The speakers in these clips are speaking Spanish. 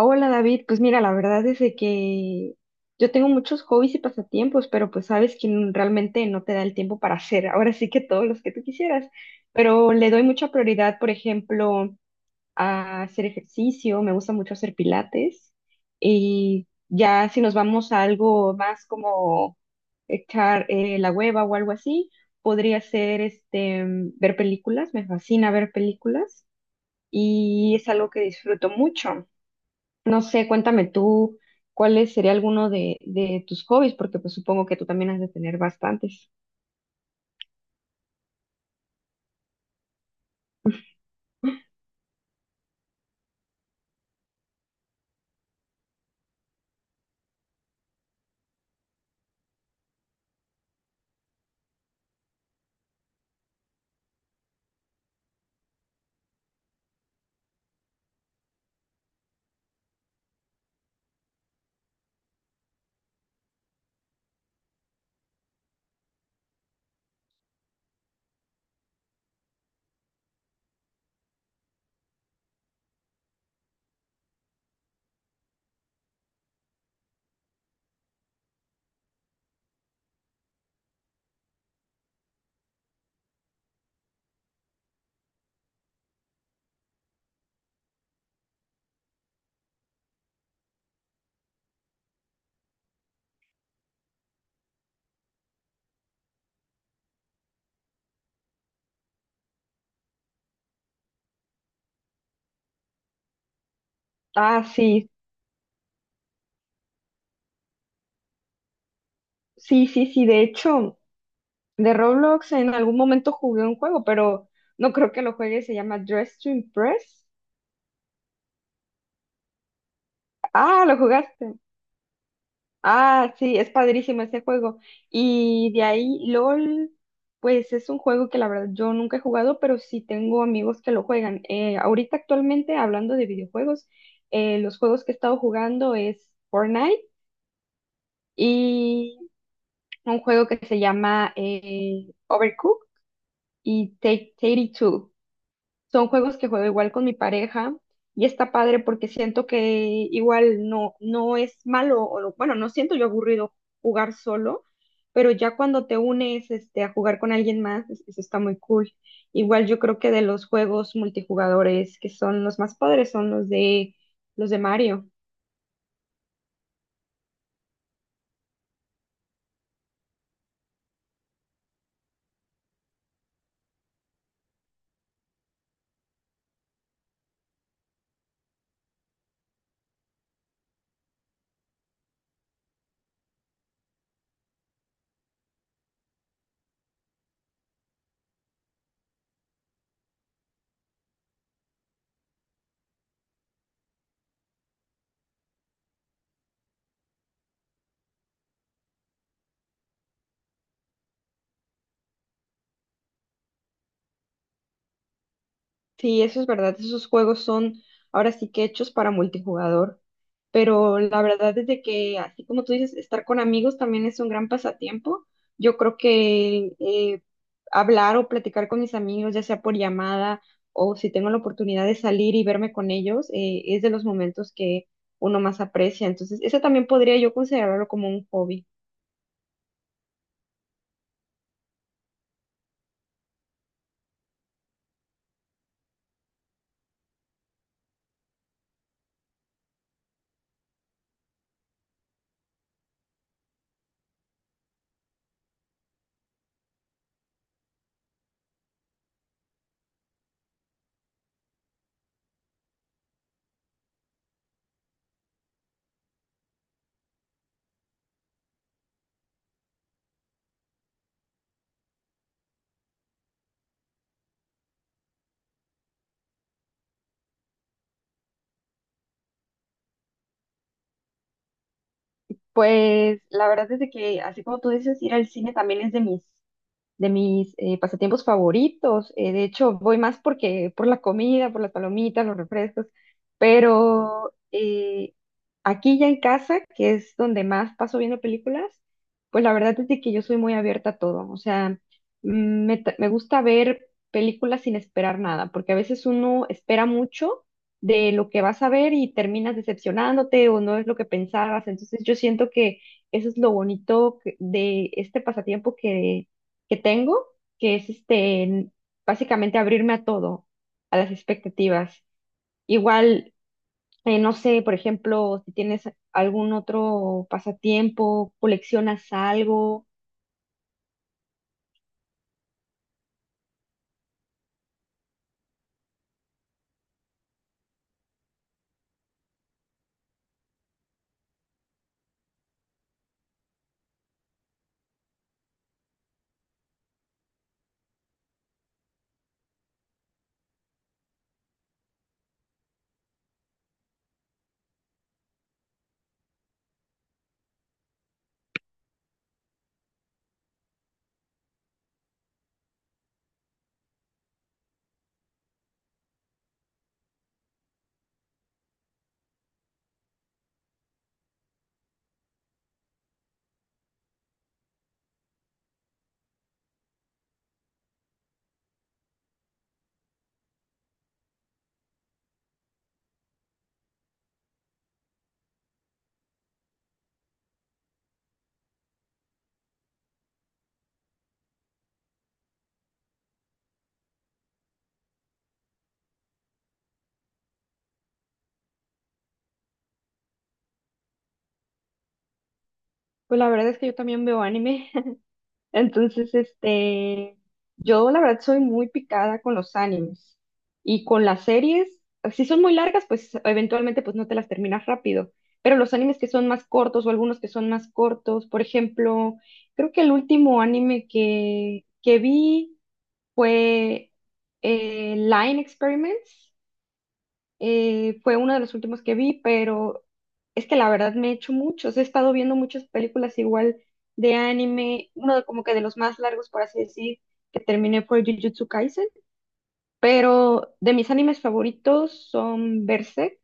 Hola David, pues mira, la verdad es de que yo tengo muchos hobbies y pasatiempos, pero pues sabes que realmente no te da el tiempo para hacer ahora sí que todos los que tú quisieras, pero le doy mucha prioridad, por ejemplo, a hacer ejercicio, me gusta mucho hacer pilates y ya si nos vamos a algo más como echar la hueva o algo así, podría ser ver películas, me fascina ver películas y es algo que disfruto mucho. No sé, cuéntame tú, ¿cuál sería alguno de tus hobbies? Porque pues supongo que tú también has de tener bastantes. Ah, sí, sí, sí, sí. De hecho, de Roblox en algún momento jugué un juego, pero no creo que lo juegue. Se llama Dress to Impress. Ah, lo jugaste. Ah, sí, es padrísimo ese juego. Y de ahí, LOL, pues es un juego que la verdad yo nunca he jugado, pero sí tengo amigos que lo juegan. Ahorita actualmente, hablando de videojuegos, los juegos que he estado jugando es Fortnite y un juego que se llama Overcooked y Take Two. Son juegos que juego igual con mi pareja y está padre porque siento que igual no es malo, o bueno, no siento yo aburrido jugar solo, pero ya cuando te unes a jugar con alguien más, eso está muy cool. Igual yo creo que de los juegos multijugadores que son los más padres son los de Mario. Sí, eso es verdad. Esos juegos son ahora sí que hechos para multijugador. Pero la verdad es de que, así como tú dices, estar con amigos también es un gran pasatiempo. Yo creo que hablar o platicar con mis amigos, ya sea por llamada o si tengo la oportunidad de salir y verme con ellos, es de los momentos que uno más aprecia. Entonces, eso también podría yo considerarlo como un hobby. Pues la verdad es de que, así como tú dices, ir al cine también es de mis pasatiempos favoritos. De hecho, voy más porque por la comida, por las palomitas, los refrescos, pero aquí ya en casa, que es donde más paso viendo películas, pues la verdad es de que yo soy muy abierta a todo. O sea, me gusta ver películas sin esperar nada, porque a veces uno espera mucho de lo que vas a ver y terminas decepcionándote o no es lo que pensabas. Entonces yo siento que eso es lo bonito de este pasatiempo que tengo, que es este, básicamente abrirme a todo, a las expectativas. Igual, no sé, por ejemplo, si tienes algún otro pasatiempo, coleccionas algo, pues la verdad es que yo también veo anime. Entonces, yo la verdad soy muy picada con los animes y con las series, si son muy largas, pues eventualmente pues no te las terminas rápido, pero los animes que son más cortos o algunos que son más cortos, por ejemplo, creo que el último anime que vi fue Line Experiments, fue uno de los últimos que vi, pero es que la verdad me he hecho muchos. He estado viendo muchas películas igual de anime, uno como que de los más largos, por así decir, que terminé fue Jujutsu Kaisen. Pero de mis animes favoritos son Berserk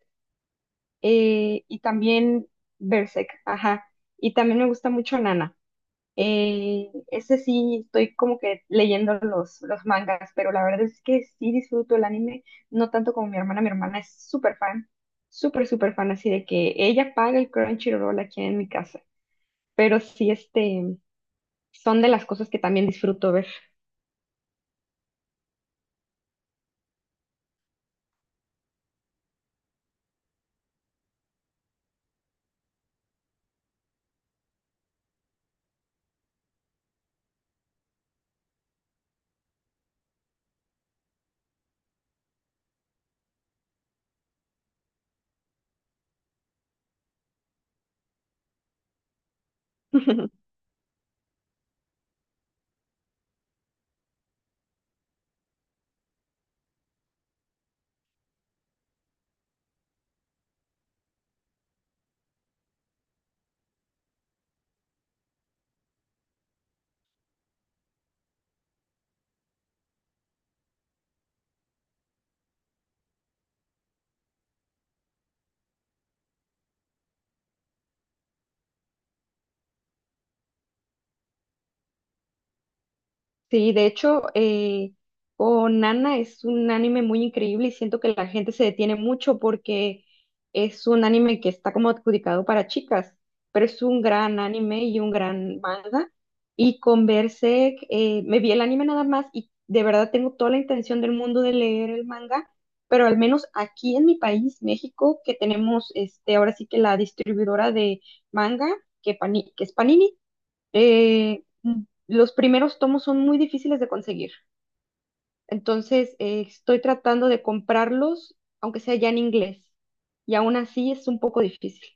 y también Berserk, ajá. Y también me gusta mucho Nana. Ese sí, estoy como que leyendo los mangas, pero la verdad es que sí disfruto el anime, no tanto como mi hermana. Mi hermana es súper fan, súper, súper fan, así de que ella paga el Crunchyroll aquí en mi casa. Pero sí, son de las cosas que también disfruto ver. Sí, de hecho, oh, Nana es un anime muy increíble y siento que la gente se detiene mucho porque es un anime que está como adjudicado para chicas, pero es un gran anime y un gran manga. Y con Berserk, me vi el anime nada más y de verdad tengo toda la intención del mundo de leer el manga, pero al menos aquí en mi país, México, que tenemos ahora sí que la distribuidora de manga, que es Panini los primeros tomos son muy difíciles de conseguir, entonces estoy tratando de comprarlos, aunque sea ya en inglés, y aún así es un poco difícil.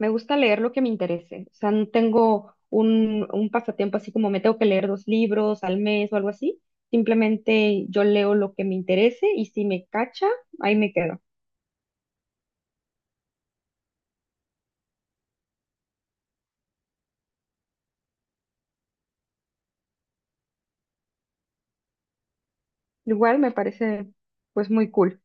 Me gusta leer lo que me interese, o sea, no tengo un pasatiempo así como me tengo que leer dos libros al mes o algo así, simplemente yo leo lo que me interese y si me cacha, ahí me quedo. Igual me parece pues muy cool.